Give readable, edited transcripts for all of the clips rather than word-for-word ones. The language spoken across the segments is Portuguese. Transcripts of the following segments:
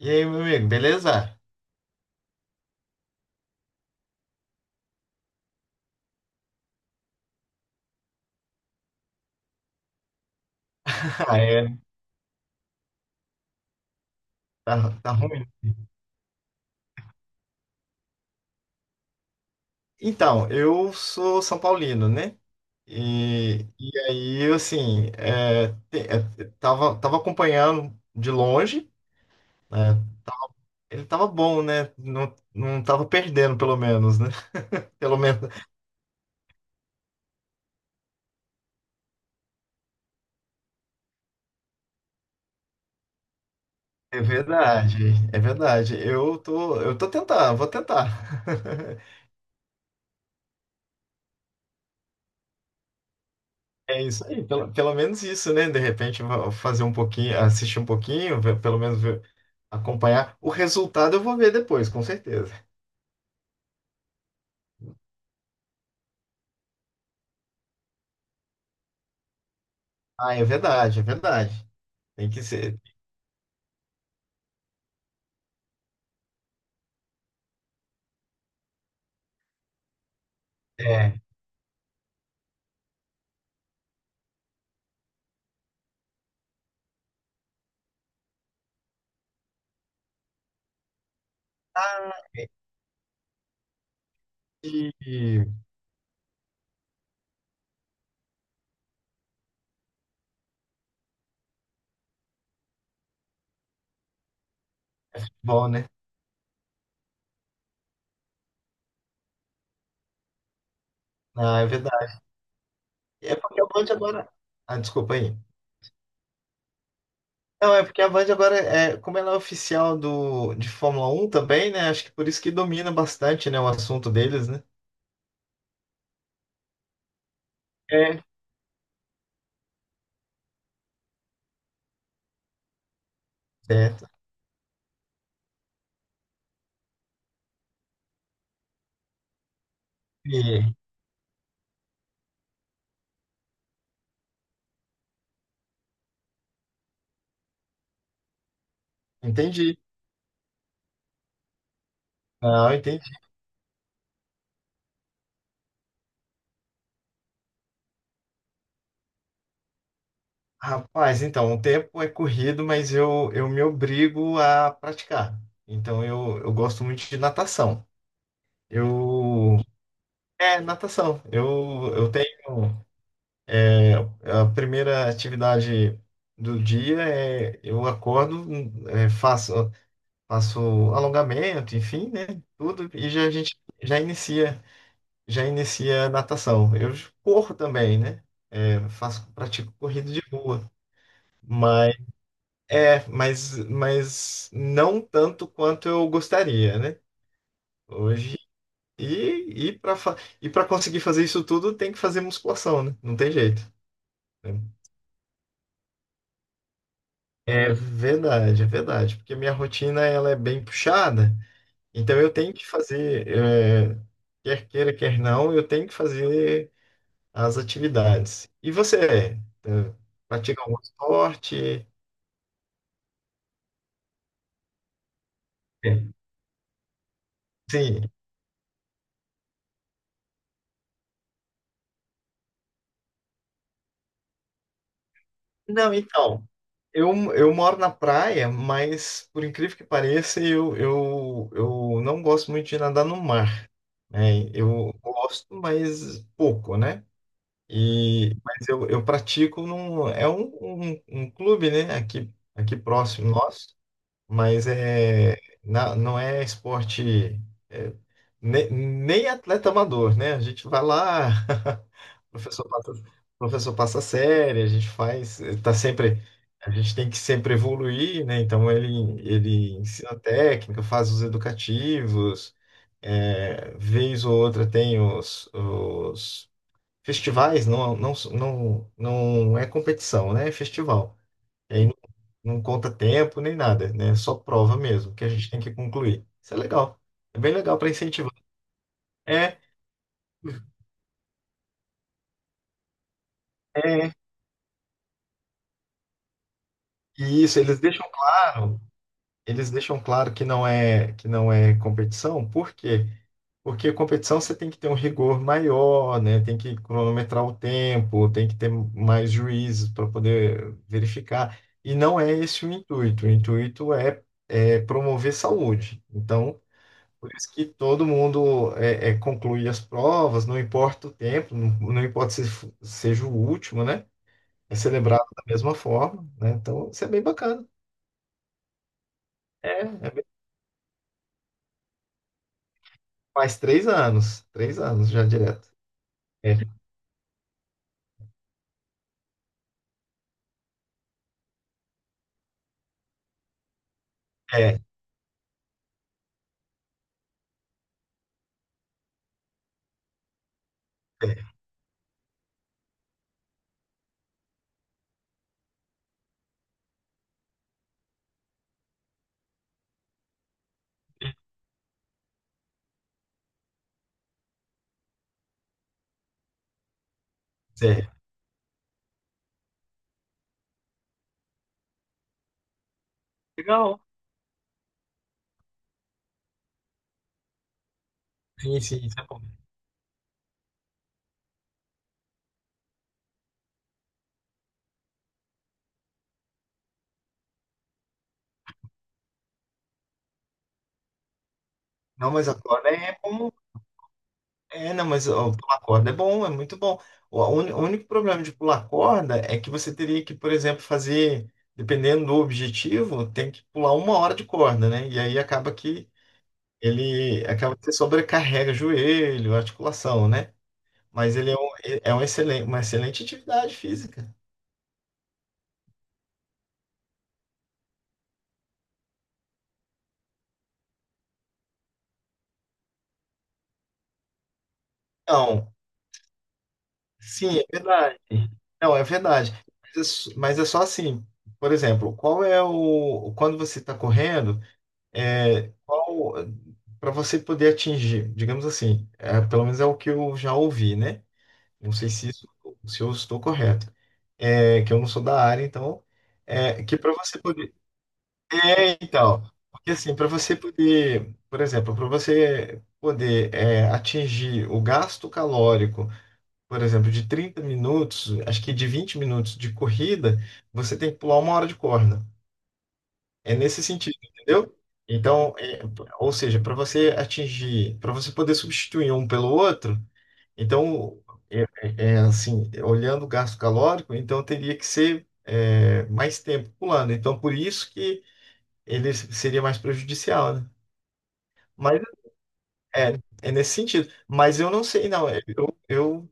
E aí, meu amigo, beleza? Ah, é. Tá ruim. Então, eu sou São Paulino, né? E aí, assim, tava acompanhando de longe, né? Ele tava bom, né? Não tava perdendo, pelo menos, né? Pelo menos. É verdade, é verdade. Eu tô tentando, vou tentar. É isso aí, pelo menos isso, né? De repente fazer um pouquinho, assistir um pouquinho, pelo menos ver, acompanhar. O resultado eu vou ver depois, com certeza. Ah, é verdade, é verdade. Tem que ser. É. Ah, E... Bom, né? Ah, é verdade. É porque a Band agora. Ah, desculpa aí. Não, é porque a Band agora, como ela é oficial de Fórmula 1 também, né? Acho que por isso que domina bastante, né, o assunto deles, né? É. Certo. E- Entendi. Não, entendi. Rapaz, então, o tempo é corrido, mas eu me obrigo a praticar. Então, eu gosto muito de natação. Eu. É, natação. Eu tenho. é, a primeira atividade do dia é. Eu acordo, é, faço, faço alongamento, enfim, né? Tudo, e já a gente já inicia, já inicia a natação. Eu corro também, né? É, pratico corrida de rua. É, mas não tanto quanto eu gostaria, né? Hoje. E, e para e para conseguir fazer isso tudo, tem que fazer musculação, né? Não tem jeito, né? É verdade, é verdade. Porque minha rotina ela é bem puxada, então eu tenho que fazer, quer queira, quer não, eu tenho que fazer as atividades. E você, é, pratica algum esporte? É. Sim, não, então, eu moro na praia, mas por incrível que pareça, eu não gosto muito de nadar no mar, né? Eu gosto, mas pouco, né? E, mas eu pratico é um clube, né? Aqui próximo nosso, mas não é esporte, é, nem atleta amador, né? A gente vai lá. O professor passa série, a gente faz, tá sempre, a gente tem que sempre evoluir, né? Então ele ensina técnica, faz os educativos, vez ou outra tem os festivais, não é competição, né? É festival. E aí não conta tempo nem nada, né? É só prova mesmo, que a gente tem que concluir. Isso é legal. É bem legal para incentivar. É, é, e isso, eles deixam claro. Eles deixam claro que não é competição, por quê? Porque competição você tem que ter um rigor maior, né? Tem que cronometrar o tempo, tem que ter mais juízes para poder verificar. E não é esse o intuito. O intuito é, promover saúde. Então, por isso que todo mundo conclui as provas, não importa o tempo, não importa se seja o último, né? É celebrado da mesma forma, né? Então, isso é bem bacana. é Faz 3 anos. 3 anos já direto. É, é, é. é. Legal. Sim, sim, isso é bom. Não, mas a corda é bom. É, não, mas ó, pular corda é bom, é muito bom. O único problema de pular corda é que você teria que, por exemplo, fazer, dependendo do objetivo, tem que pular uma hora de corda, né? E aí acaba que você sobrecarrega joelho, articulação, né? Mas ele é, uma excelente atividade física. Então, sim, é verdade. Não, é verdade. Mas é só assim. Por exemplo, qual é o. Quando você está correndo, é, qual. Para você poder atingir, digamos assim, pelo menos é o que eu já ouvi, né? Não sei se, isso, se eu estou correto. É, que eu não sou da área, então. É, que para você poder. É, então. Porque assim, para você poder. Por exemplo, para você poder atingir o gasto calórico, por exemplo, de 30 minutos, acho que de 20 minutos de corrida, você tem que pular uma hora de corda. É nesse sentido, entendeu? Então, ou seja, para você poder substituir um pelo outro, então, assim, olhando o gasto calórico, então teria que ser mais tempo pulando. Então, por isso que ele seria mais prejudicial, né? Mas é, nesse sentido. Mas eu não sei, não. Eu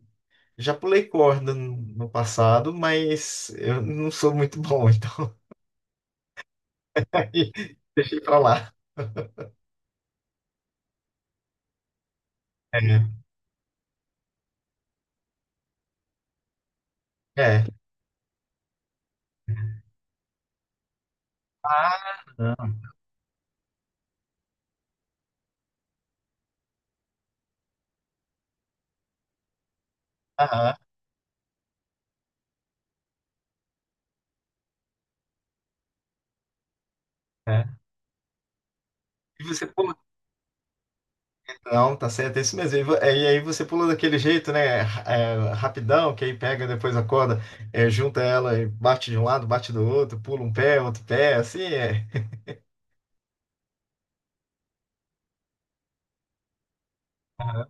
já pulei corda no passado, mas eu não sou muito bom, então aí deixei pra lá. É. É. Ah, aham, é. E você pula. Não, tá certo, é isso mesmo. E aí você pula daquele jeito, né? Rapidão, que aí pega depois a corda, junta ela e bate de um lado, bate do outro, pula um pé, outro pé, assim é. Aham,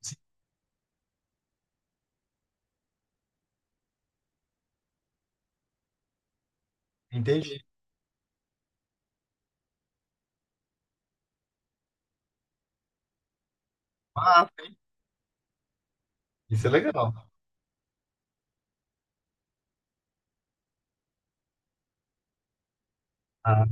sim, entendi. Ah, sim, isso é legal. Ah,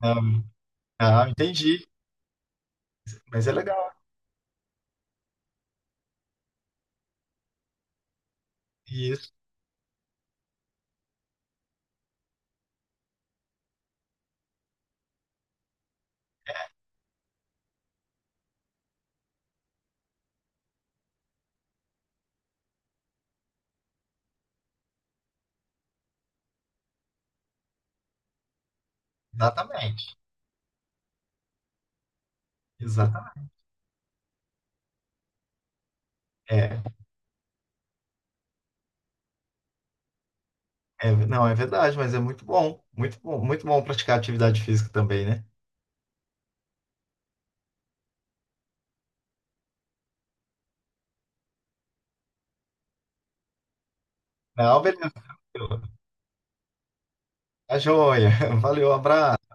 não, ah, entendi. Mas é legal. Isso, exatamente. Exatamente. é É, não, é verdade, mas é muito bom. Muito bom, muito bom praticar atividade física também, né? Não, beleza. A joia. Valeu, abraço.